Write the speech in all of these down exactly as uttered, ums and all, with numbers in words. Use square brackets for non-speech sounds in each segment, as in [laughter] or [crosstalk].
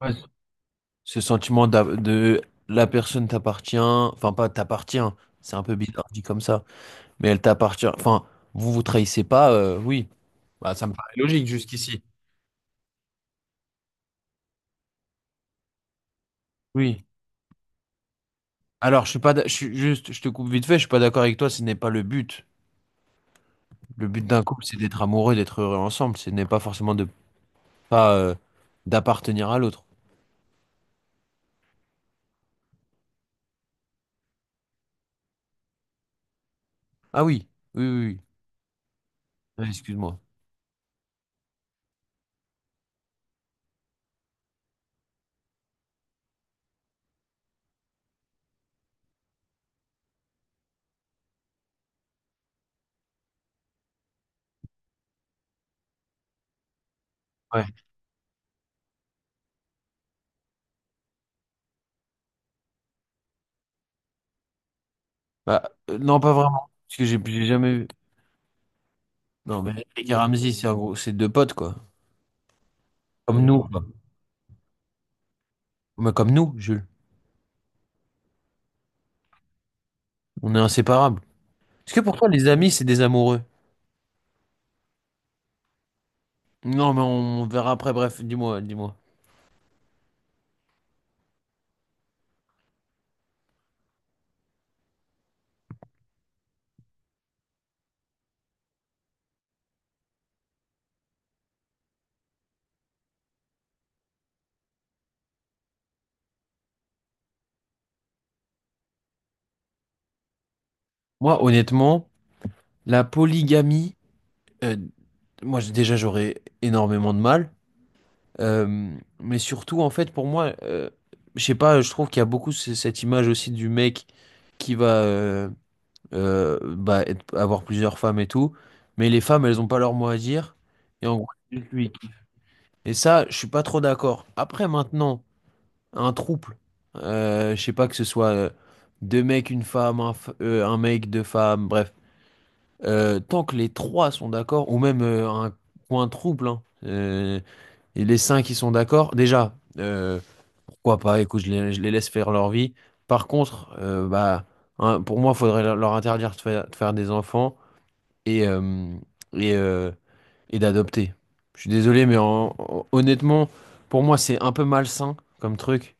Ouais, ce ce sentiment d'av- de la personne t'appartient, enfin pas t'appartient, c'est un peu bizarre dit comme ça, mais elle t'appartient, enfin vous vous trahissez pas, euh, oui, bah ça me paraît logique jusqu'ici. Oui. Alors je suis pas, d'a- je suis juste, je te coupe vite fait, je suis pas d'accord avec toi, ce n'est pas le but. Le but d'un couple, c'est d'être amoureux, d'être heureux ensemble, ce n'est pas forcément de pas euh, d'appartenir à l'autre. Ah oui, oui, oui, oui. Ouais, excuse-moi. Ouais. Bah, euh, non, pas vraiment, parce que j'ai j'ai jamais vu. Non, mais Eric et Ramzy, c'est un gros- c'est deux potes quoi, comme nous. Bah, comme nous, Jules. On est inséparables. Est-ce que pour toi, les amis, c'est des amoureux? Non, mais on verra après. Bref, dis-moi, dis-moi. Moi, honnêtement, la polygamie, euh, moi, j- déjà, j'aurais énormément de mal. Euh, mais surtout, en fait, pour moi, euh, je sais pas, je trouve qu'il y a beaucoup ce- cette image aussi du mec qui va euh, euh, bah, être- avoir plusieurs femmes et tout. Mais les femmes, elles ont pas leur mot à dire. Et en gros, c'est juste lui. Et ça, je suis pas trop d'accord. Après, maintenant. Un trouble. Euh, je sais pas que ce soit euh, deux mecs, une femme, un, f- euh, un mec, deux femmes, bref. Euh, tant que les trois sont d'accord, ou même euh, un coin trouble, hein, euh, et les cinq qui sont d'accord, déjà, euh, pourquoi pas, écoute, je les, je les laisse faire leur vie. Par contre, euh, bah, hein, pour moi, il faudrait leur leur interdire de faire, de faire des enfants et, euh, et, euh, et d'adopter. Je suis désolé, mais en- en- honnêtement, pour moi, c'est un peu malsain comme truc.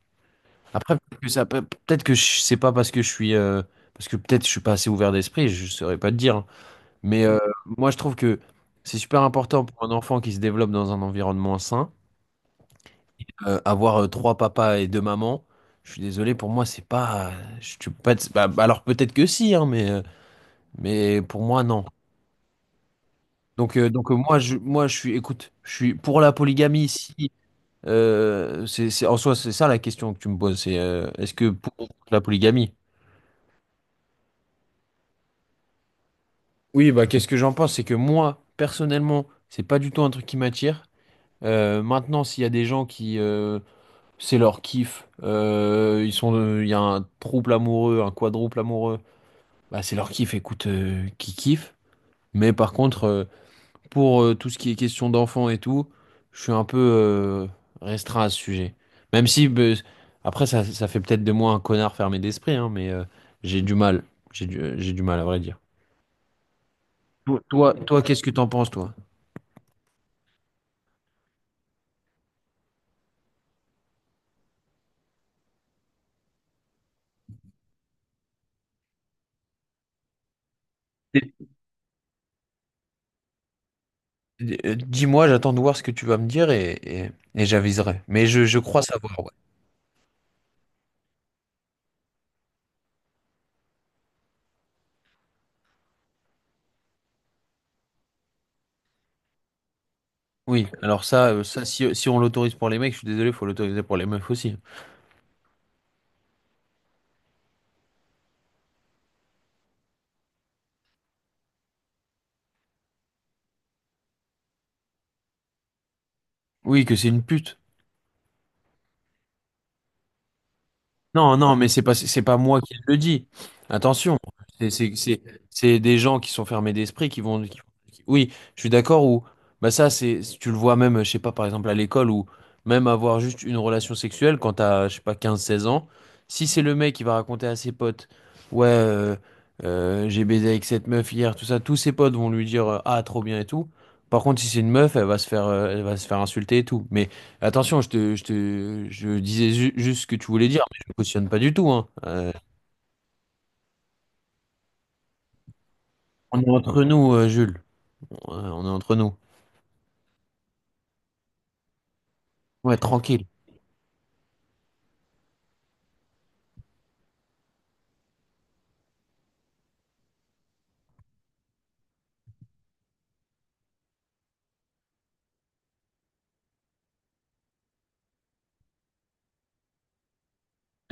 Après, peut-être que ça peut- peut-être que je- c'est pas parce que je suis, euh, parce que peut-être je suis pas assez ouvert d'esprit, je saurais pas te dire, hein. Mais euh, moi, je trouve que c'est super important pour un enfant qui se développe dans un environnement sain. Euh, avoir euh, trois papas et deux mamans, je suis désolé, pour moi, c'est pas, je, tu peux pas être- bah, bah, alors peut-être que si, hein, mais, euh, mais pour moi, non. Donc, euh, donc euh, moi, je, moi, je suis, écoute, je suis pour la polygamie si. euh, c'est, c'est- en soi, c'est ça la question que tu me poses, c'est euh, est-ce que pour la polygamie? Oui, bah qu'est-ce que j'en pense? C'est que moi, personnellement, c'est pas du tout un truc qui m'attire. Euh, maintenant, s'il y a des gens qui, euh, c'est leur kiff, euh, ils sont, euh, il y a un trouble amoureux, un quadruple amoureux, bah c'est leur kiff, écoute, euh, qui kiffe. Mais par contre, euh, pour euh, tout ce qui est question d'enfants et tout, je suis un peu euh, restreint à ce sujet. Même si, bah, après, ça, ça fait peut-être de moi un connard fermé d'esprit, hein, mais euh, j'ai du mal, j'ai du, j'ai du mal à vrai dire. Toi, toi, qu'est-ce que t'en penses, toi? Euh, Dis-moi, j'attends de voir ce que tu vas me dire et, et, et j'aviserai. Mais je, je crois savoir, ouais. Oui, alors ça, euh, ça si, si on l'autorise pour les mecs, je suis désolé, faut l'autoriser pour les meufs aussi. Oui, que c'est une pute. Non, non, mais c'est pas, c'est pas moi qui le dis. Attention, c'est c'est- c'est- c'est des gens qui sont fermés d'esprit qui vont. qui- qui- oui, je suis d'accord. Ou bah ça, c'est tu le vois même, je sais pas, par exemple à l'école ou même avoir juste une relation sexuelle quand t'as, je sais pas, quinze seize ans. Si c'est le mec qui va raconter à ses potes, ouais, euh, euh, j'ai baisé avec cette meuf hier, tout ça, tous ses potes vont lui dire euh, ah trop bien et tout. Par contre, si c'est une meuf, elle va se faire, euh, elle va se faire insulter et tout. Mais attention, je te, je te, je disais ju- juste ce que tu voulais dire cautionne pas du tout, hein. Euh, on est entre nous, euh, Jules. Euh, On est entre nous. Ouais, tranquille.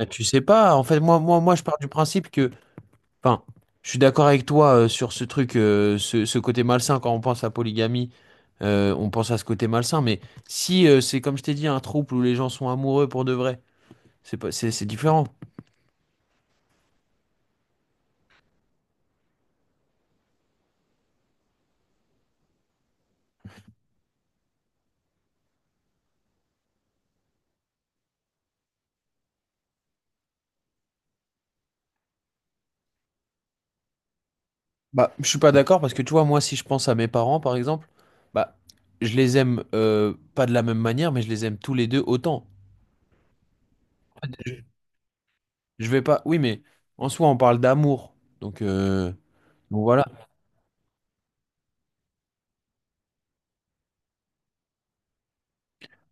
Euh, Tu sais pas, en fait, moi, moi, moi, je pars du principe que, enfin, je suis d'accord avec toi euh, sur ce truc, euh, ce, ce côté malsain quand on pense à polygamie, euh, on pense à ce côté malsain. Mais si euh, c'est comme je t'ai dit, un trouble où les gens sont amoureux pour de vrai, c'est pas, c'est, c'est différent. Bah, je suis pas d'accord parce que tu vois, moi, si je pense à mes parents, par exemple, bah, je les aime euh, pas de la même manière, mais je les aime tous les deux autant. Je vais pas. Oui, mais en soi, on parle d'amour. Donc, euh, donc voilà.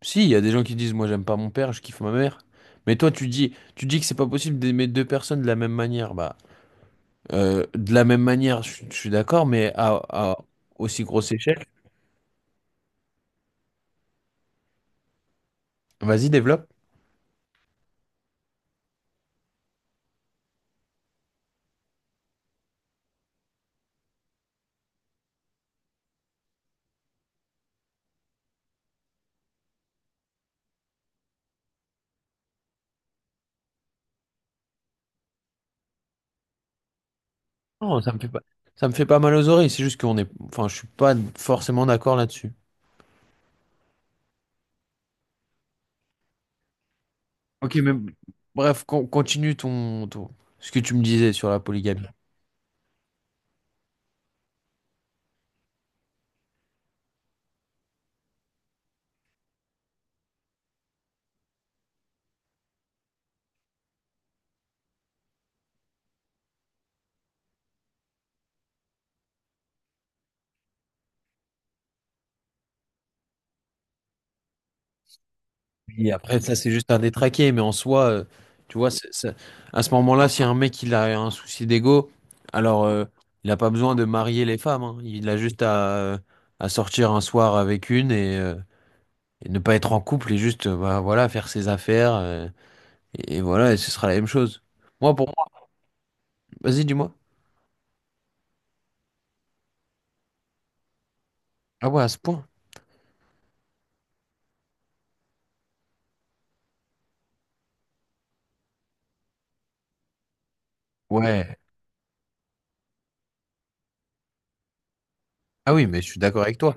Si, il y a des gens qui disent, moi, j'aime pas mon père, je kiffe ma mère. Mais toi, tu dis, tu dis que c'est pas possible d'aimer deux personnes de la même manière. Bah, euh, de la même manière, je, je suis d'accord, mais à, à aussi grosse échelle. Vas-y, développe. Non, ça me fait pas, ça me fait pas mal aux oreilles. C'est juste qu'on est, enfin, je suis pas forcément d'accord là-dessus. Ok, mais bref, con- continue ton, ton- ce que tu me disais sur la polygamie. Après, ça, c'est juste un détraqué, mais en soi, euh, tu vois, c'est- c'est- à ce moment-là, si un mec il a un souci d'ego, alors euh, il n'a pas besoin de marier les femmes, hein. Il a juste à, euh, à sortir un soir avec une et, euh, et ne pas être en couple et juste euh, bah, voilà, faire ses affaires, euh, et, et voilà, et ce sera la même chose. Moi, pour moi, vas-y, dis-moi. Ah ouais, à ce point. Ouais. Ah oui, mais je suis d'accord avec toi.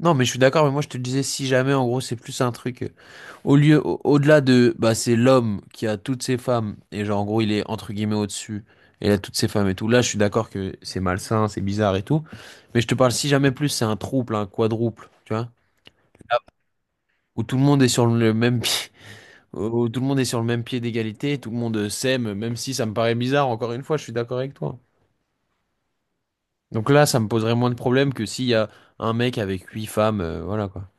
Non, mais je suis d'accord, mais moi, je te disais, si jamais, en gros, c'est plus un truc. euh, Au lieu, au- au-delà de, bah, c'est l'homme qui a toutes ses femmes, et genre, en gros, il est entre guillemets au-dessus, et il a toutes ses femmes et tout. Là, je suis d'accord que c'est malsain, c'est bizarre et tout. Mais je te parle, si jamais plus, c'est un trouble, un quadruple, tu vois, où tout le monde est sur le même pied, [laughs] où tout le monde est sur le même pied d'égalité, tout le monde s'aime, même si ça me paraît bizarre, encore une fois, je suis d'accord avec toi. Donc là, ça me poserait moins de problèmes que s'il y a un mec avec huit femmes, euh, voilà quoi.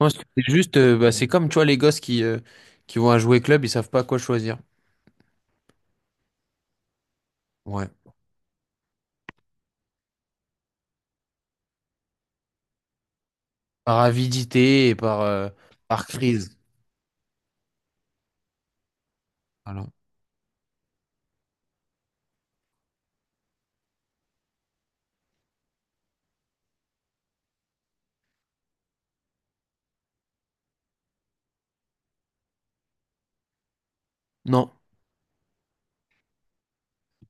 Moi, c'est juste, euh, bah, c'est comme, tu vois, les gosses qui, euh, qui vont à jouer club, ils savent pas quoi choisir. Ouais. Par avidité et par, euh, par crise. Alors, non,